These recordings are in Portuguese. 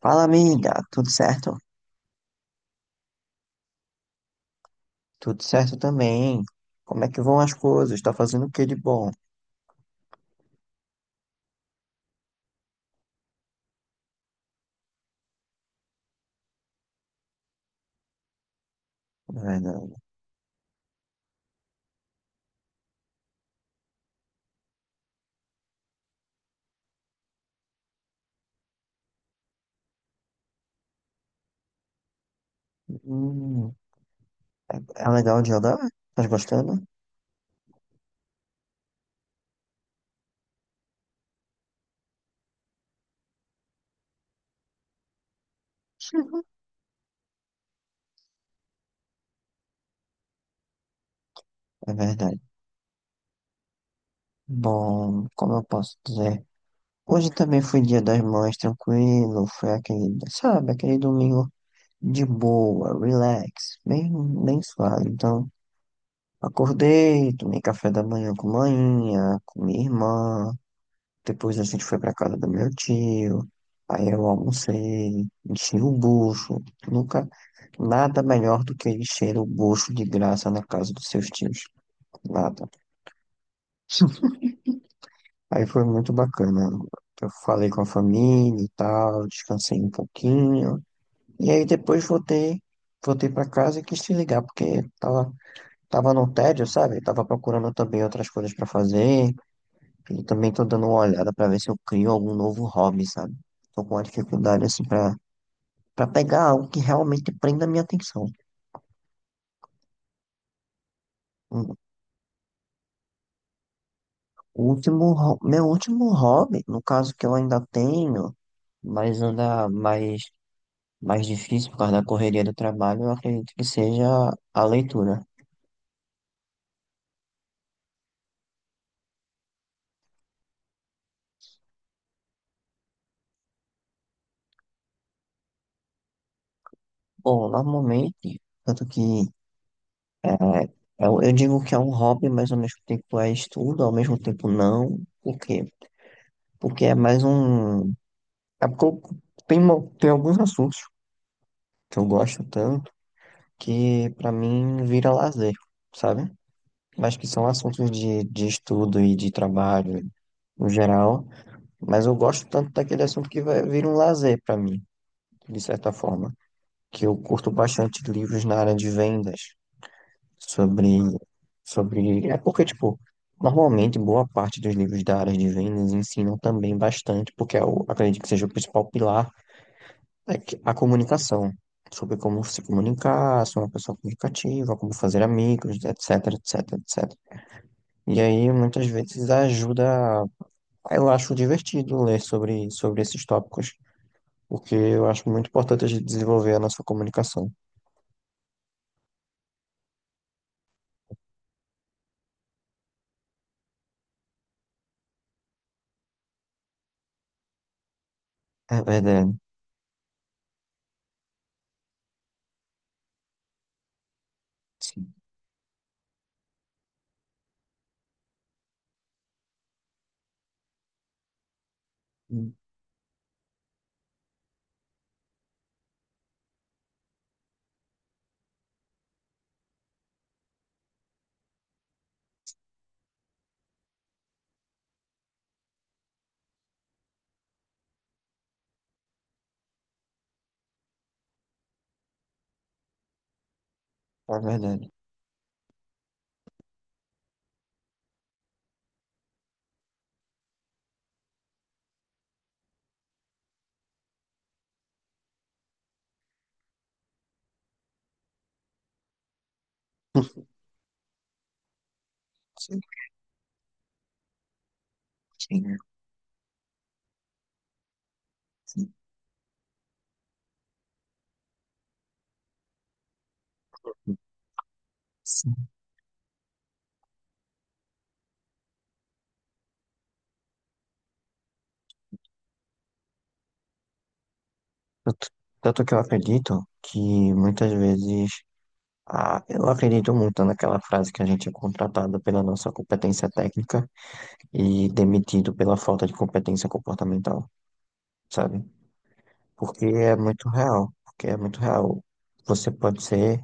Fala, amiga, tudo certo? Tudo certo também. Como é que vão as coisas? Tá fazendo o que de bom? É verdade. Hum, é é legal de andar? Tá gostando? Sim. É verdade. Bom, como eu posso dizer? Hoje também foi dia das mães, tranquilo. Foi aquele, sabe, aquele domingo de boa, relax, bem, bem suave. Então, acordei, tomei café da manhã, com minha irmã. Depois a gente foi pra casa do meu tio. Aí eu almocei, enchi o bucho. Nunca, nada melhor do que encher o bucho de graça na casa dos seus tios. Nada. Aí foi muito bacana. Eu falei com a família e tal, descansei um pouquinho. E aí depois voltei para casa e quis te ligar, porque tava no tédio, sabe? Tava procurando também outras coisas para fazer. Eu também tô dando uma olhada pra ver se eu crio algum novo hobby, sabe? Tô com uma dificuldade assim pra para pegar algo que realmente prenda a minha atenção. O último, meu último hobby, no caso que eu ainda tenho, mas anda mais difícil por causa da correria do trabalho, eu acredito que seja a leitura. Bom, normalmente, tanto que é, eu digo que é um hobby, mas ao mesmo tempo é estudo, ao mesmo tempo não. Por quê? Porque é mais um. É porque tem, tem alguns assuntos que eu gosto tanto que pra mim vira lazer, sabe? Mas que são assuntos de estudo e de trabalho no geral. Mas eu gosto tanto daquele assunto que vir um lazer pra mim, de certa forma. Que eu curto bastante livros na área de vendas sobre, sobre. É porque, tipo, normalmente boa parte dos livros da área de vendas ensinam também bastante, porque eu acredito que seja o principal pilar. É que a comunicação, sobre como se comunicar, ser uma pessoa comunicativa, como fazer amigos, etc, etc, etc. E aí, muitas vezes, ajuda. Eu acho divertido ler sobre esses tópicos, porque eu acho muito importante a gente desenvolver a nossa comunicação. É verdade. Sim. É verdade. Sim, sim, sim, sim. Tanto tanto que eu acredito que muitas vezes. Ah, eu acredito muito naquela frase que a gente é contratado pela nossa competência técnica e demitido pela falta de competência comportamental, sabe? Porque é muito real, porque é muito real. Você pode ser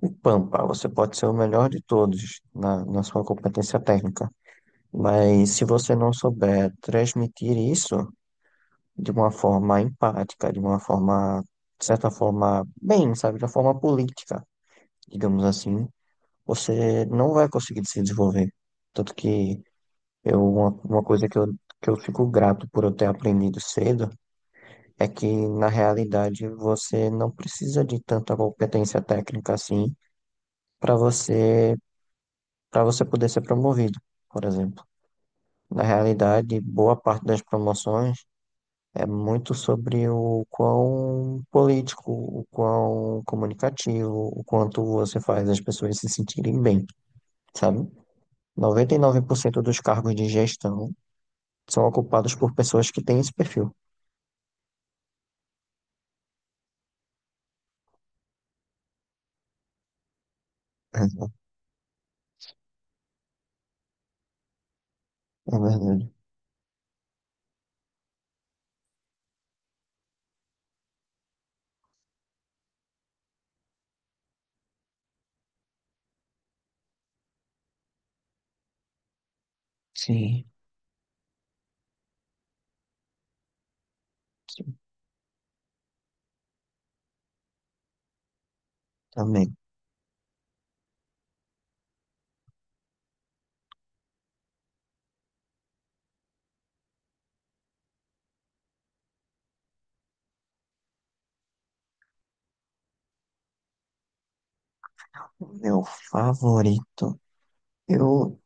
o pampa, você pode ser o melhor de todos na sua competência técnica, mas se você não souber transmitir isso de uma forma empática, de uma forma, de certa forma, bem, sabe, de uma forma política, digamos assim, você não vai conseguir se desenvolver. Tanto que uma coisa que eu fico grato por eu ter aprendido cedo. É que, na realidade, você não precisa de tanta competência técnica assim para você, para você poder ser promovido, por exemplo. Na realidade, boa parte das promoções é muito sobre o quão político, o quão comunicativo, o quanto você faz as pessoas se sentirem bem, sabe? 99% dos cargos de gestão são ocupados por pessoas que têm esse perfil. É é verdade. Sim, sim, também. O meu favorito. Eu,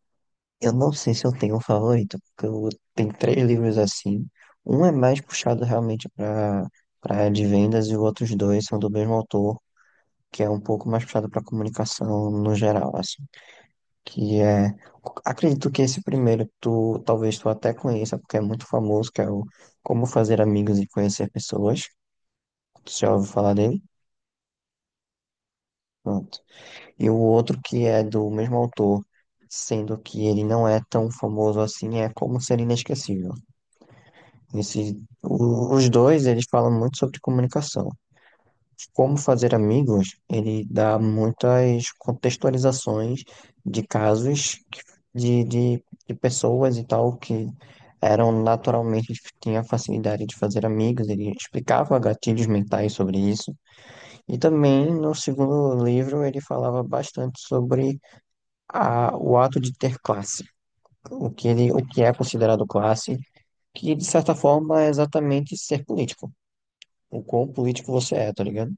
eu não sei se eu tenho um favorito, porque eu tenho três livros assim. Um é mais puxado realmente para área de vendas e os outros dois são do mesmo autor, que é um pouco mais puxado para comunicação no geral, assim. Que é, acredito que esse primeiro tu até conheça, porque é muito famoso, que é o Como Fazer Amigos e Conhecer Pessoas. Tu já ouviu falar dele? Pronto. E o outro que é do mesmo autor, sendo que ele não é tão famoso assim, é Como Ser Inesquecível. Esse, os dois, eles falam muito sobre comunicação. Como fazer amigos, ele dá muitas contextualizações de casos de pessoas e tal que eram naturalmente, tinha facilidade de fazer amigos, ele explicava gatilhos mentais sobre isso. E também, no segundo livro, ele falava bastante sobre o ato de ter classe, o que é considerado classe, que de certa forma é exatamente ser político, o quão político você é, tá ligado?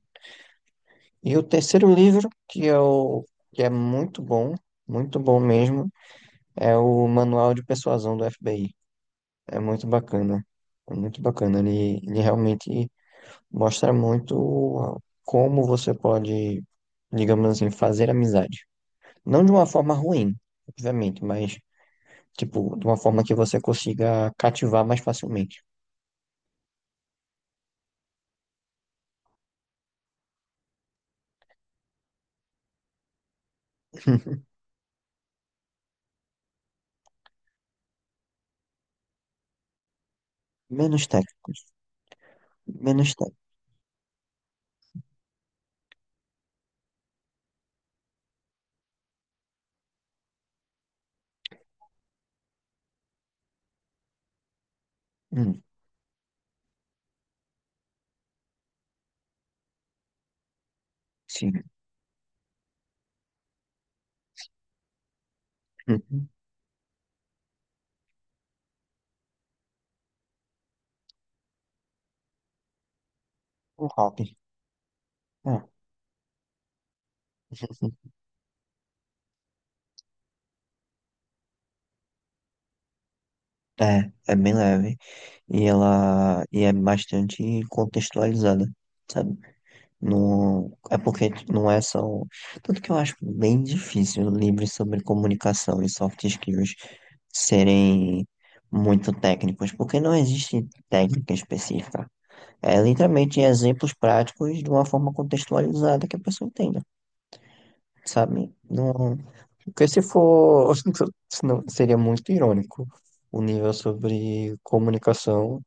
E o terceiro livro, que é muito bom mesmo, é o Manual de Persuasão do FBI. É muito bacana. É muito bacana. Ele realmente mostra muito como você pode, digamos assim, fazer amizade. Não de uma forma ruim, obviamente, mas tipo, de uma forma que você consiga cativar mais facilmente. Menos técnicos. Menos técnicos. Hum, sim. Uhum. O hobby. Ah. É, é bem leve. E ela e é bastante contextualizada, sabe? Não, é porque não é só. Um, Tanto que eu acho bem difícil livros sobre comunicação e soft skills serem muito técnicos, porque não existe técnica específica. É literalmente exemplos práticos de uma forma contextualizada que a pessoa entenda, sabe? Não, porque se for, senão seria muito irônico o nível sobre comunicação,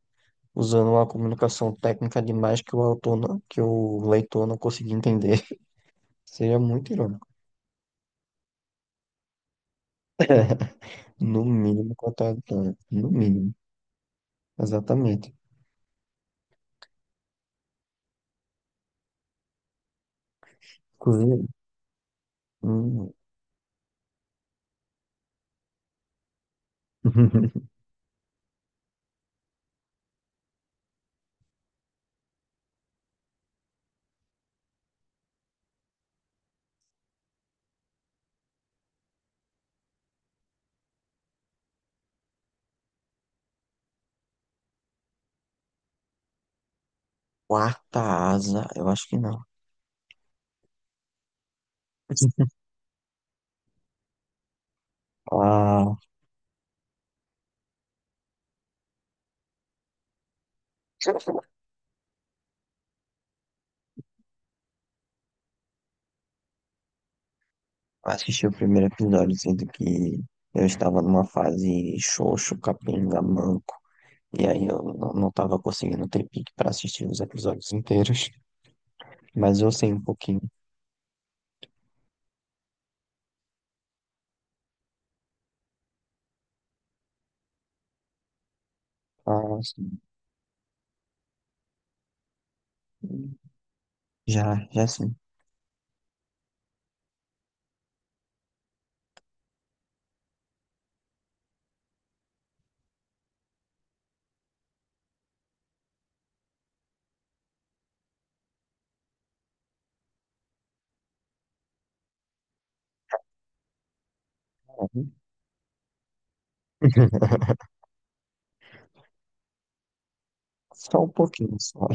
usando uma comunicação técnica demais que o autor não, que o leitor não conseguia entender. Seria muito irônico. No mínimo, no mínimo, exatamente. Inclusive, hum, quarta asa, eu acho que não. Ah. Assisti o primeiro episódio, sendo que eu estava numa fase xoxo, capenga, manco, e aí eu não estava conseguindo ter pique para assistir os episódios inteiros, mas eu sei um pouquinho. Ah, sim. Já, já sim. Uhum. Só um pouquinho, só.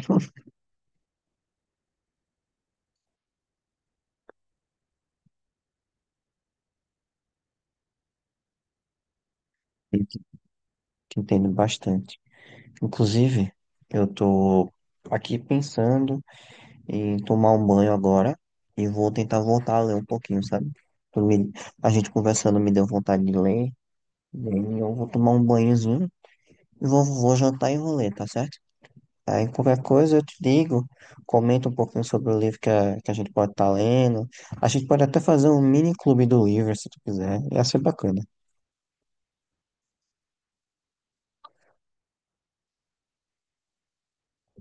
Eu que entendo bastante. Inclusive, eu tô aqui pensando em tomar um banho agora e vou tentar voltar a ler um pouquinho, sabe? Tu me- A gente conversando me deu vontade de ler. E aí eu vou tomar um banhozinho e vou jantar e vou ler, tá certo? Aí qualquer coisa eu te digo, comenta um pouquinho sobre o livro que que a gente pode estar lendo. A gente pode até fazer um mini clube do livro, se tu quiser. Ia ser bacana,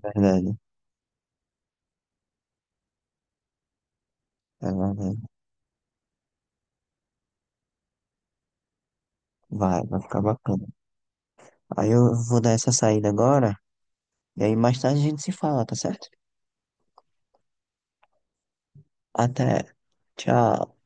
na verdade. É, vai, vai ficar bacana. Aí eu vou dar essa saída agora, e aí mais tarde a gente se fala, tá certo? Até. Tchau.